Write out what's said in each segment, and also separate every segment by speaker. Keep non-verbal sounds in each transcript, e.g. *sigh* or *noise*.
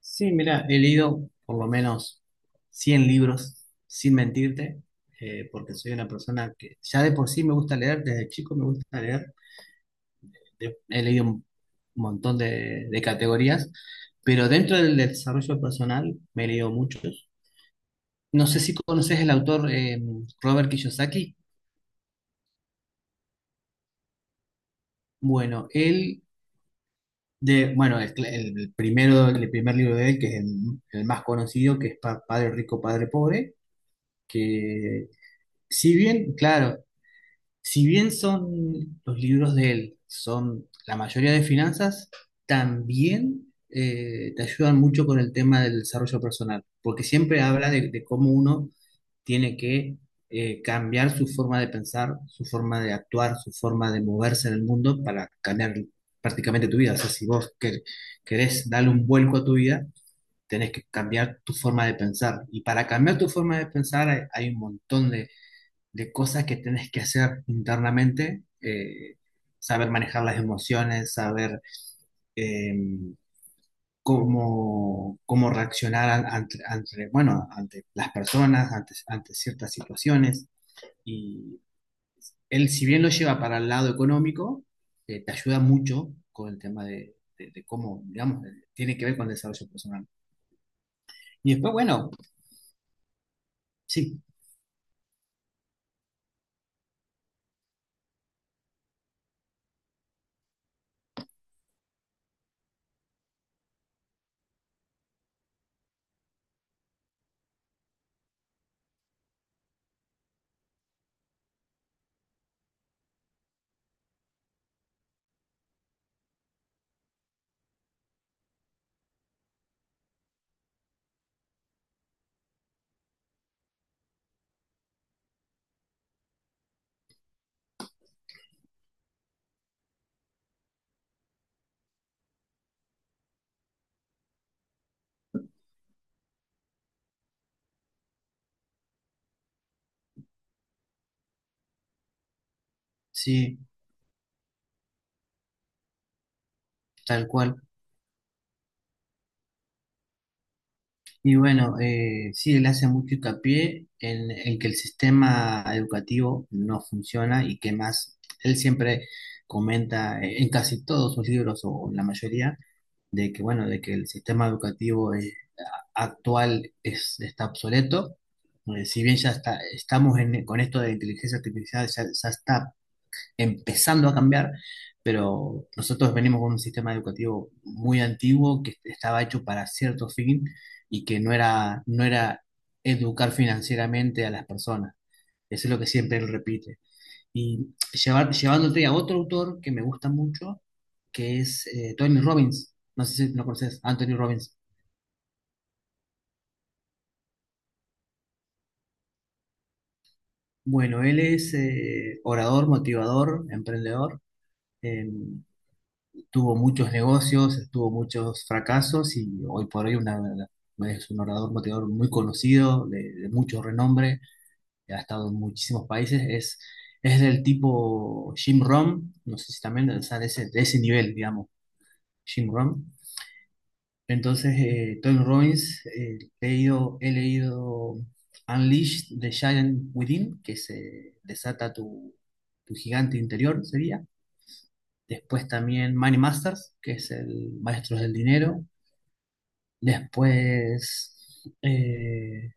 Speaker 1: Sí, mira, he leído por lo menos 100 libros, sin mentirte, porque soy una persona que ya de por sí me gusta leer, desde chico me gusta leer. He leído un montón de categorías, pero dentro del desarrollo personal me he leído muchos. No sé si conoces el autor Robert Kiyosaki. Bueno, él, de, bueno, el primer libro de él, que es el más conocido, que es Padre Rico, Padre Pobre, que si bien, claro, si bien son los libros de él, son la mayoría de finanzas, también te ayudan mucho con el tema del desarrollo personal, porque siempre habla de cómo uno tiene que cambiar su forma de pensar, su forma de actuar, su forma de moverse en el mundo para cambiar prácticamente tu vida. O sea, si vos querés darle un vuelco a tu vida, tenés que cambiar tu forma de pensar. Y para cambiar tu forma de pensar hay un montón de cosas que tenés que hacer internamente, saber manejar las emociones, saber, eh, cómo reaccionar bueno, ante las personas, ante ciertas situaciones. Y él, si bien lo lleva para el lado económico, te ayuda mucho con el tema de cómo, digamos, tiene que ver con el desarrollo personal. Y después, bueno, sí, sí, tal cual. Y bueno, sí, él hace mucho hincapié en que el sistema educativo no funciona y que más, él siempre comenta, en casi todos sus libros o en la mayoría de que, bueno, de que el sistema educativo actual es, está obsoleto. Si bien ya está, con esto de inteligencia artificial, ya, ya está empezando a cambiar, pero nosotros venimos con un sistema educativo muy antiguo que estaba hecho para cierto fin y que no era educar financieramente a las personas. Eso es lo que siempre él repite. Y llevar, llevándote a otro autor que me gusta mucho, que es Tony Robbins. No sé si lo conoces, Anthony Robbins. Bueno, él es orador, motivador, emprendedor. eh, Tuvo muchos negocios, tuvo muchos fracasos y hoy por hoy es un orador motivador muy conocido, de mucho renombre, ha estado en muchísimos países, es del tipo Jim Rohn, no sé si también, o sea, de ese nivel, digamos, Jim Rohn. Entonces, Tony Robbins, he leído Unleash the Giant Within, que se desata tu gigante interior, sería. Después también Money Masters, que es el Maestros del Dinero. Después,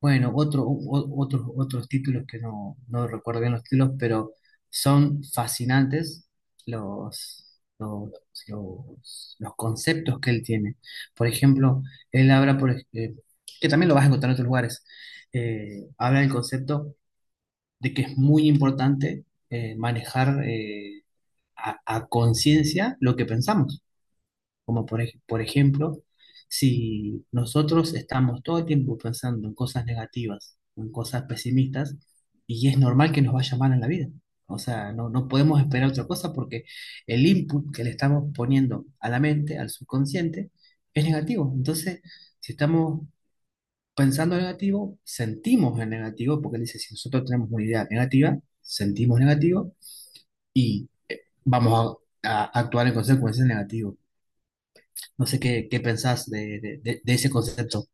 Speaker 1: bueno, otros títulos que no recuerdo bien los títulos, pero son fascinantes los, los, los conceptos que él tiene. Por ejemplo, él habla, que también lo vas a encontrar en otros lugares, habla del concepto de que es muy importante, eh, manejar eh, a conciencia lo que pensamos. Como por ejemplo, si nosotros estamos todo el tiempo pensando en cosas negativas, en cosas pesimistas, y es normal que nos vaya mal en la vida. O sea, no podemos esperar otra cosa porque el input que le estamos poniendo a la mente, al subconsciente, es negativo. Entonces, si estamos pensando negativo, sentimos el negativo, porque él dice, si nosotros tenemos una idea negativa, sentimos negativo y vamos a actuar en consecuencia negativa. No sé qué pensás de ese concepto.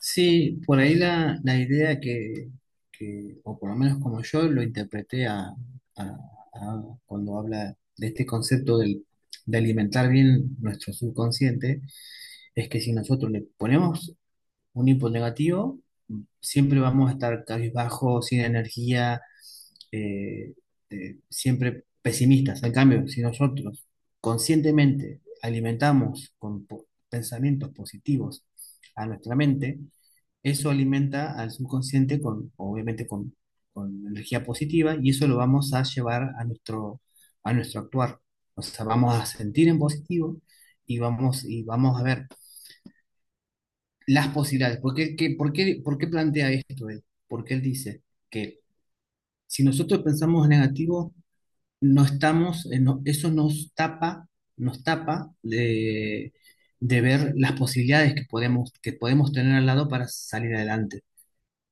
Speaker 1: Sí, por ahí la idea que, o por lo menos como yo lo interpreté a- a cuando habla de este concepto de alimentar bien nuestro subconsciente, es que si nosotros le ponemos un hipo negativo, siempre vamos a estar cabizbajo, sin energía, eh, siempre pesimistas. En cambio, si nosotros conscientemente alimentamos con pensamientos positivos a nuestra mente, eso alimenta al subconsciente con, obviamente, con energía positiva y eso lo vamos a llevar a nuestro actuar. O sea, vamos a sentir en positivo y y vamos a ver las posibilidades. ¿Por qué, por qué, por qué plantea esto él? Porque él dice que si nosotros pensamos negativo, no estamos, eso nos tapa de ver las posibilidades que podemos tener al lado para salir adelante.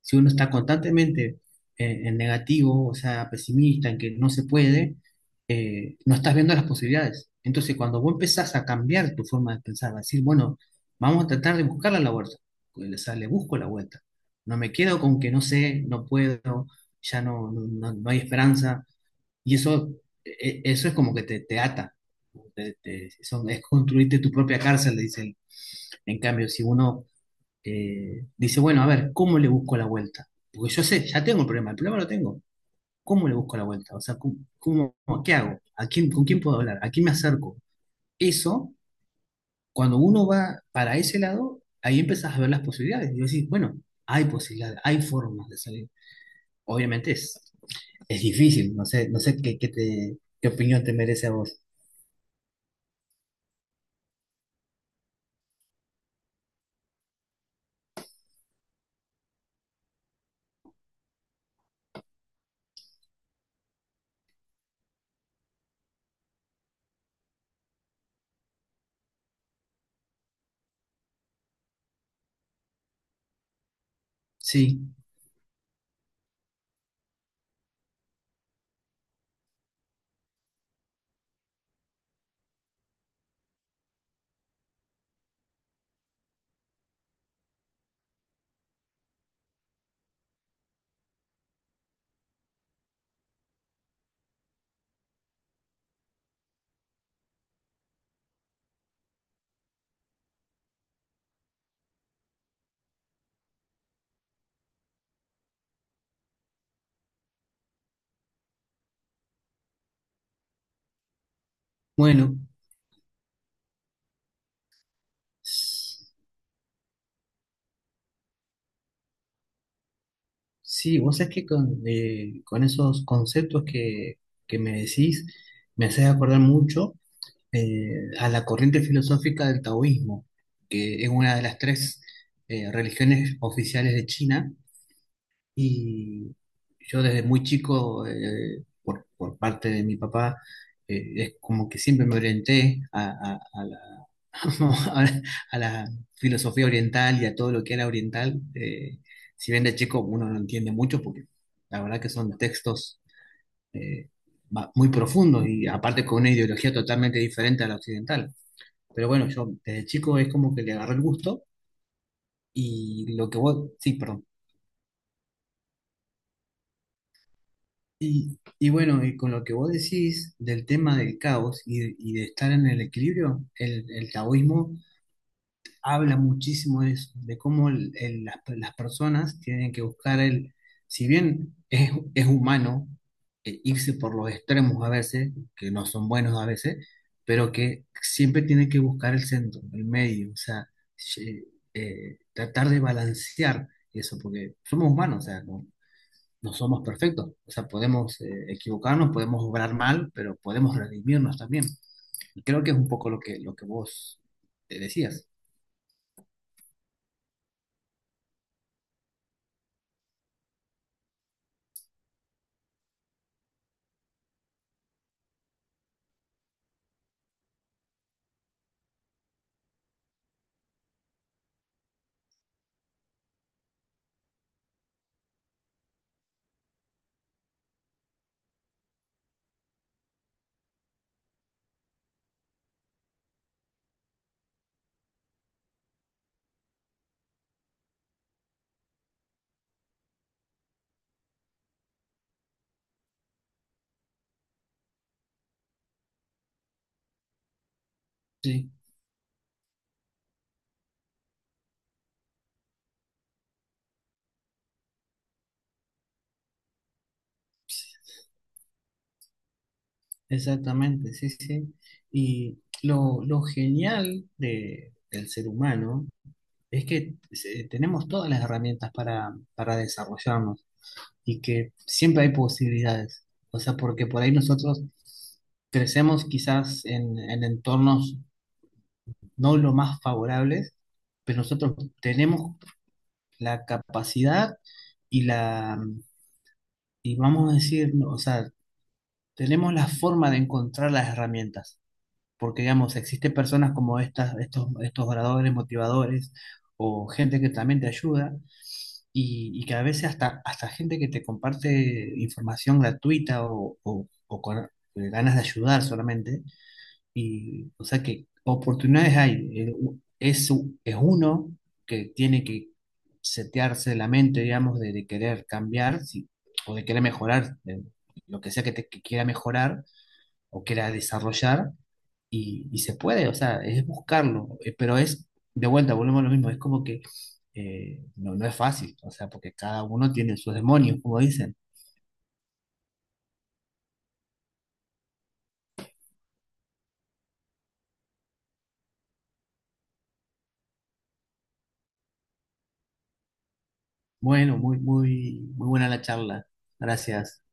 Speaker 1: Si uno está constantemente en negativo, o sea, pesimista, en que no se puede, no estás viendo las posibilidades. Entonces, cuando vos empezás a cambiar tu forma de pensar, a decir, bueno, vamos a tratar de buscarla la vuelta, pues, o sea, le busco la vuelta. No me quedo con que no sé, no puedo, ya no hay esperanza. Y eso, eso es como que te ata. Es construirte tu propia cárcel, le dicen. En cambio, si uno dice, bueno, a ver, ¿cómo le busco la vuelta? Porque yo sé, ya tengo el problema lo tengo. ¿Cómo le busco la vuelta? O sea, qué hago? ¿A quién, con quién puedo hablar? ¿A quién me acerco? Eso, cuando uno va para ese lado, ahí empiezas a ver las posibilidades. Y decís, bueno, hay posibilidades, hay formas de salir. Obviamente es difícil, no sé, no sé qué opinión te merece a vos. Sí, bueno. Sí, vos sabés que con esos conceptos que me decís, me haces acordar mucho, a la corriente filosófica del taoísmo, que es una de las tres religiones oficiales de China, y yo desde muy chico, por parte de mi papá, es como que siempre me orienté a la, *laughs* a la- a la filosofía oriental y a todo lo que era oriental. Si bien de chico uno no entiende mucho, porque la verdad que son textos eh, muy profundos y aparte con una ideología totalmente diferente a la occidental. Pero bueno, yo desde chico es como que le agarré el gusto y lo que vos... Sí, perdón. Y bueno, y con lo que vos decís del tema del caos y de estar en el equilibrio, el taoísmo habla muchísimo de eso, de cómo las personas tienen que buscar el, si bien es humano, irse por los extremos a veces, que no son buenos a veces, pero que siempre tienen que buscar el centro, el medio, o sea, eh, tratar de balancear eso, porque somos humanos, o sea, no somos perfectos. O sea, podemos equivocarnos, podemos obrar mal, pero podemos redimirnos también. Y creo que es un poco lo que vos decías. Sí, exactamente, sí, sí. Y lo genial de, del ser humano es que tenemos todas las herramientas para desarrollarnos y que siempre hay posibilidades. O sea, porque por ahí nosotros crecemos quizás en entornos no los más favorables, pero nosotros tenemos la capacidad y la, y vamos a decir, no, o sea, tenemos la forma de encontrar las herramientas, porque digamos, existen personas como estas, estos oradores, motivadores, o gente que también te ayuda, y que a veces hasta gente que te comparte información gratuita o con ganas de ayudar solamente, y, o sea que oportunidades hay. El- es uno que tiene que setearse la mente, digamos, de querer cambiar o de querer mejorar, lo que sea que, te, que quiera mejorar o quiera desarrollar. Y se puede, o sea, es buscarlo. Pero es, de vuelta, volvemos a lo mismo, es como que no es fácil, o sea, porque cada uno tiene sus demonios, como dicen. Bueno, muy buena la charla. Gracias.